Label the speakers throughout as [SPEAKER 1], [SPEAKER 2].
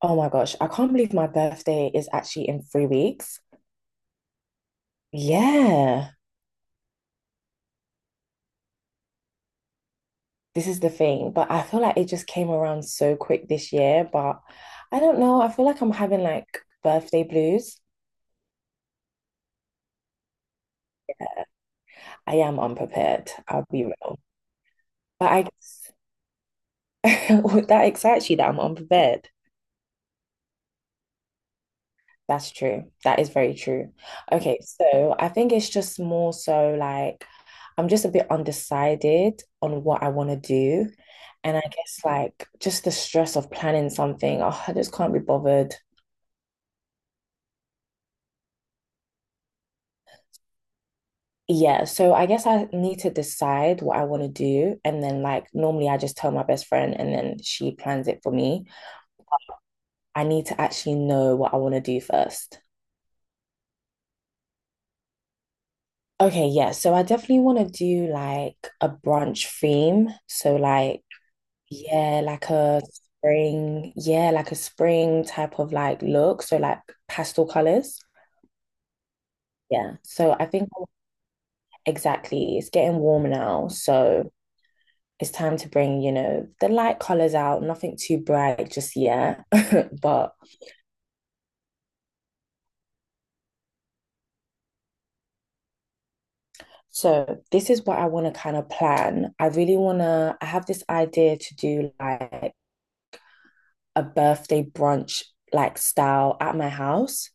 [SPEAKER 1] Oh my gosh, I can't believe my birthday is actually in 3 weeks. Yeah, this is the thing. But I feel like it just came around so quick this year. But I don't know. I feel like I'm having like birthday blues. I am unprepared. I'll be real. But I guess that excites you that I'm unprepared. That's true. That is very true. Okay, so I think it's just more so like I'm just a bit undecided on what I want to do. And I guess like just the stress of planning something, oh, I just can't be bothered. Yeah, so I guess I need to decide what I want to do. And then like normally I just tell my best friend and then she plans it for me. I need to actually know what I want to do first. Okay, yeah. So I definitely want to do like a brunch theme. So like Yeah, like a spring, yeah, like a spring type of like look. So like pastel colors. Yeah. So I think exactly, it's getting warmer now. So it's time to bring, you know, the light colors out, nothing too bright just yet. But so this is what I want to kind of plan. I really want to, I have this idea to do like a birthday brunch like style at my house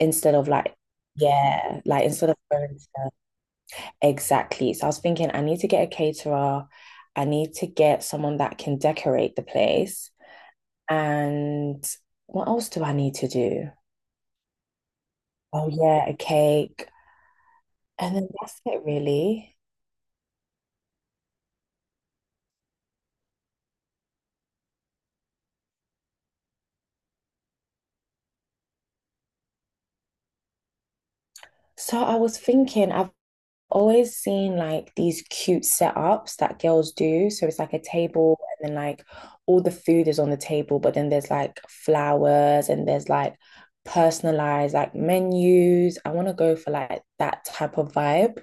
[SPEAKER 1] instead of like, yeah, like instead of going to Exactly. So I was thinking, I need to get a caterer. I need to get someone that can decorate the place. And what else do I need to do? Oh, yeah, a cake. And then that's it, really. So I was thinking, I've always seen like these cute setups that girls do. So it's like a table, and then like all the food is on the table, but then there's like flowers and there's like personalized like menus. I want to go for like that type of vibe.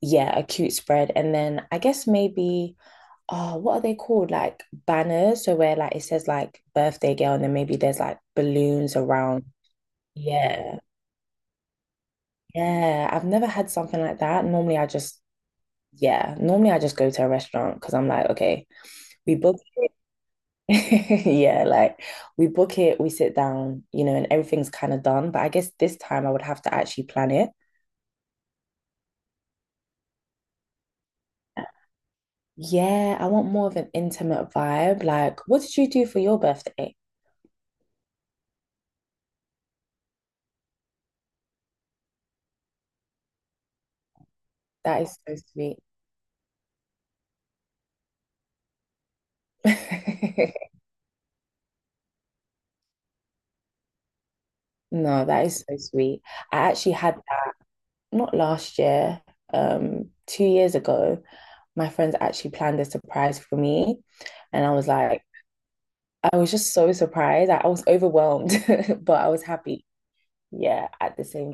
[SPEAKER 1] Yeah, a cute spread. And then I guess maybe, oh, what are they called? Like banners. So where like it says like birthday girl, and then maybe there's like balloons around. Yeah. Yeah. I've never had something like that. Normally I just, yeah, normally I just go to a restaurant because I'm like, okay, we book. Yeah, like we book it, we sit down, you know, and everything's kind of done. But I guess this time I would have to actually plan it. Yeah, I want more of an intimate vibe. Like, what did you do for your birthday? That is so sweet. No, that is so sweet. I actually had that not last year, 2 years ago. My friends actually planned a surprise for me, and I was like, I was just so surprised. I was overwhelmed, but I was happy. Yeah, at the same,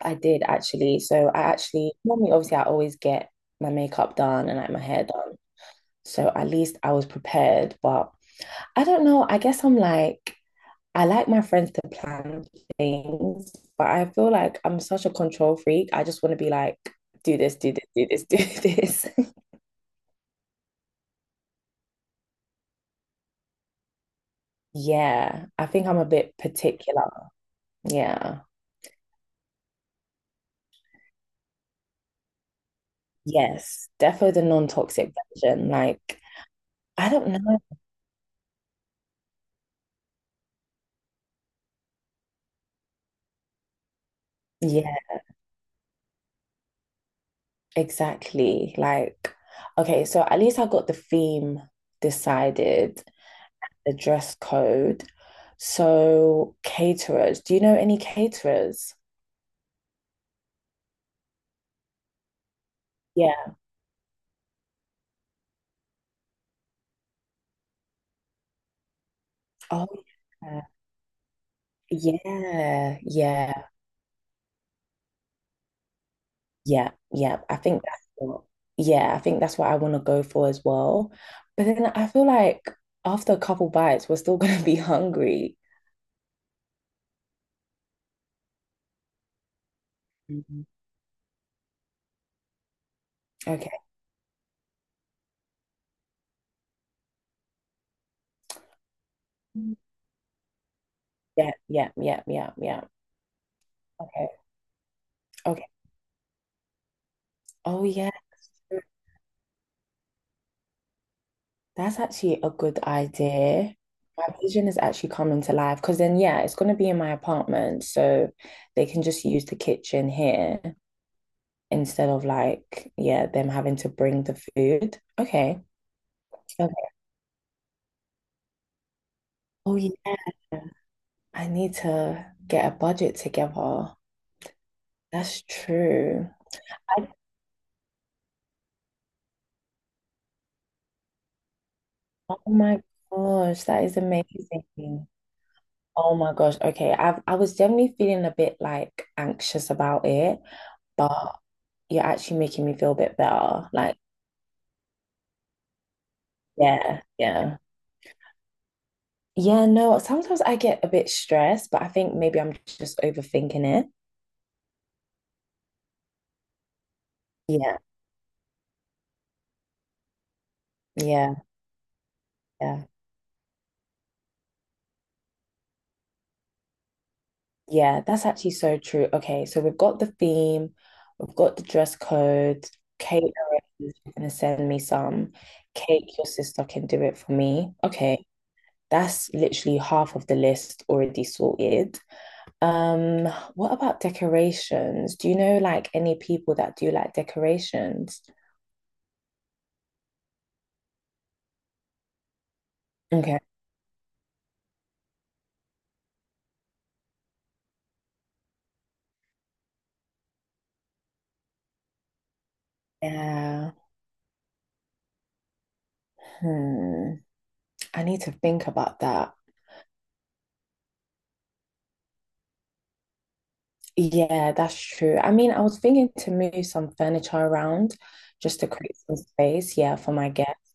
[SPEAKER 1] I did actually. So I actually normally, obviously, I always get my makeup done and like my hair done. So at least I was prepared. But I don't know. I guess I'm like. I like my friends to plan things, but I feel like I'm such a control freak. I just want to be like, do this, do this, do this, do this. Yeah, I think I'm a bit particular. Yeah. Yes, definitely the non-toxic version. Like, I don't know. Yeah, exactly. Like, okay, so at least I got the theme decided, the dress code. So, caterers, do you know any caterers? Yeah. Oh, yeah. Yeah, yeah, yeah, yeah. I think that's what, yeah, I think that's what I want to go for as well. But then I feel like after a couple bites, we're still gonna be hungry. Mhm. Okay. Yeah, yeah, yeah, yeah, yeah. Okay, okay. Oh yeah, that's actually a good idea. My vision is actually coming to life because then yeah, it's gonna be in my apartment, so they can just use the kitchen here instead of like, yeah, them having to bring the food. Okay. Oh yeah, I need to get a budget together. That's true. I, oh my gosh, that is amazing. Oh my gosh. Okay, I was generally feeling a bit like anxious about it, but you're actually making me feel a bit better. Like, yeah, yeah. Yeah, no, sometimes I get a bit stressed, but I think maybe I'm just overthinking it. Yeah, yeah, yeah. Yeah, that's actually so true. Okay, so we've got the theme, we've got the dress code. Kate is gonna send me some. Kate, your sister can do it for me. Okay, that's literally half of the list already sorted. Um, what about decorations? Do you know like any people that do like decorations? Okay. Yeah. Hmm. I need to think about that. Yeah, that's true. I mean, I was thinking to move some furniture around just to create some space, yeah, for my guests.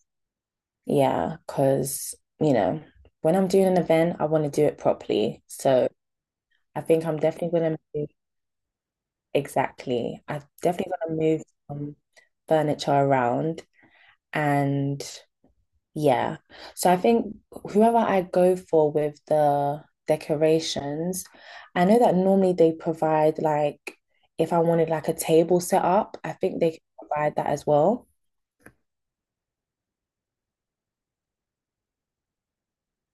[SPEAKER 1] Yeah, because, you know, when I'm doing an event, I want to do it properly. So I think I'm definitely going to move. Exactly. I'm definitely going to move some furniture around and Yeah. So I think whoever I go for with the decorations, I know that normally they provide like if I wanted like a table set up, I think they can provide that as well.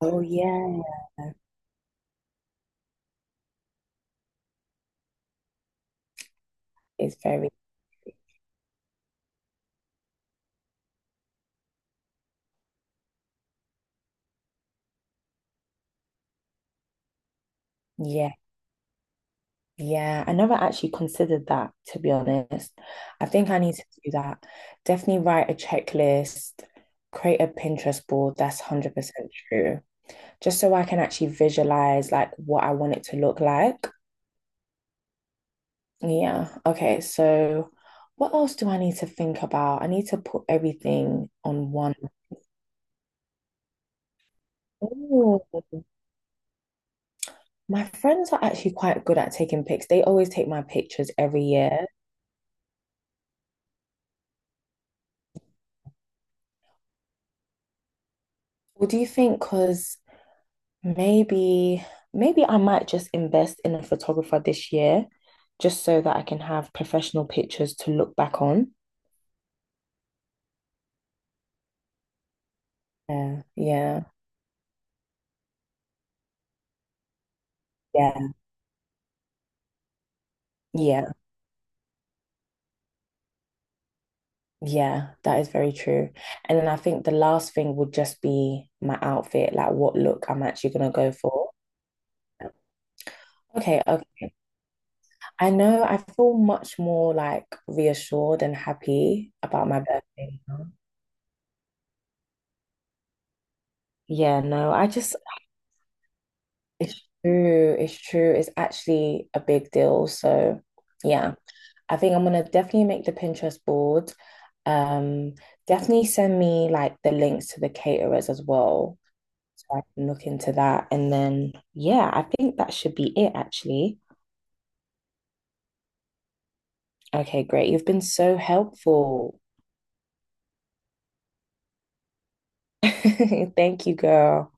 [SPEAKER 1] Oh yeah. It's very yeah. Yeah. I never actually considered that to be honest. I think I need to do that. Definitely write a checklist, create a Pinterest board, that's 100% true. Just so I can actually visualize like what I want it to look like. Yeah. Okay. So, what else do I need to think about? I need to put everything on one. Oh, my friends are actually quite good at taking pics. They always take my pictures every year. What do you think? Because maybe, maybe I might just invest in a photographer this year, just so that I can have professional pictures to look back on. Yeah. Yeah. Yeah. Yeah. Yeah, that is very true. And then I think the last thing would just be my outfit, like what look I'm actually gonna go for. Okay, okay. I know I feel much more like reassured and happy about my birthday now. Yeah, no, I just, it's true, it's true. It's actually a big deal. So, yeah, I think I'm gonna definitely make the Pinterest board. Um, definitely send me like the links to the caterers as well. So I can look into that. And then, yeah, I think that should be it, actually. Okay, great. You've been so helpful. Thank you, girl.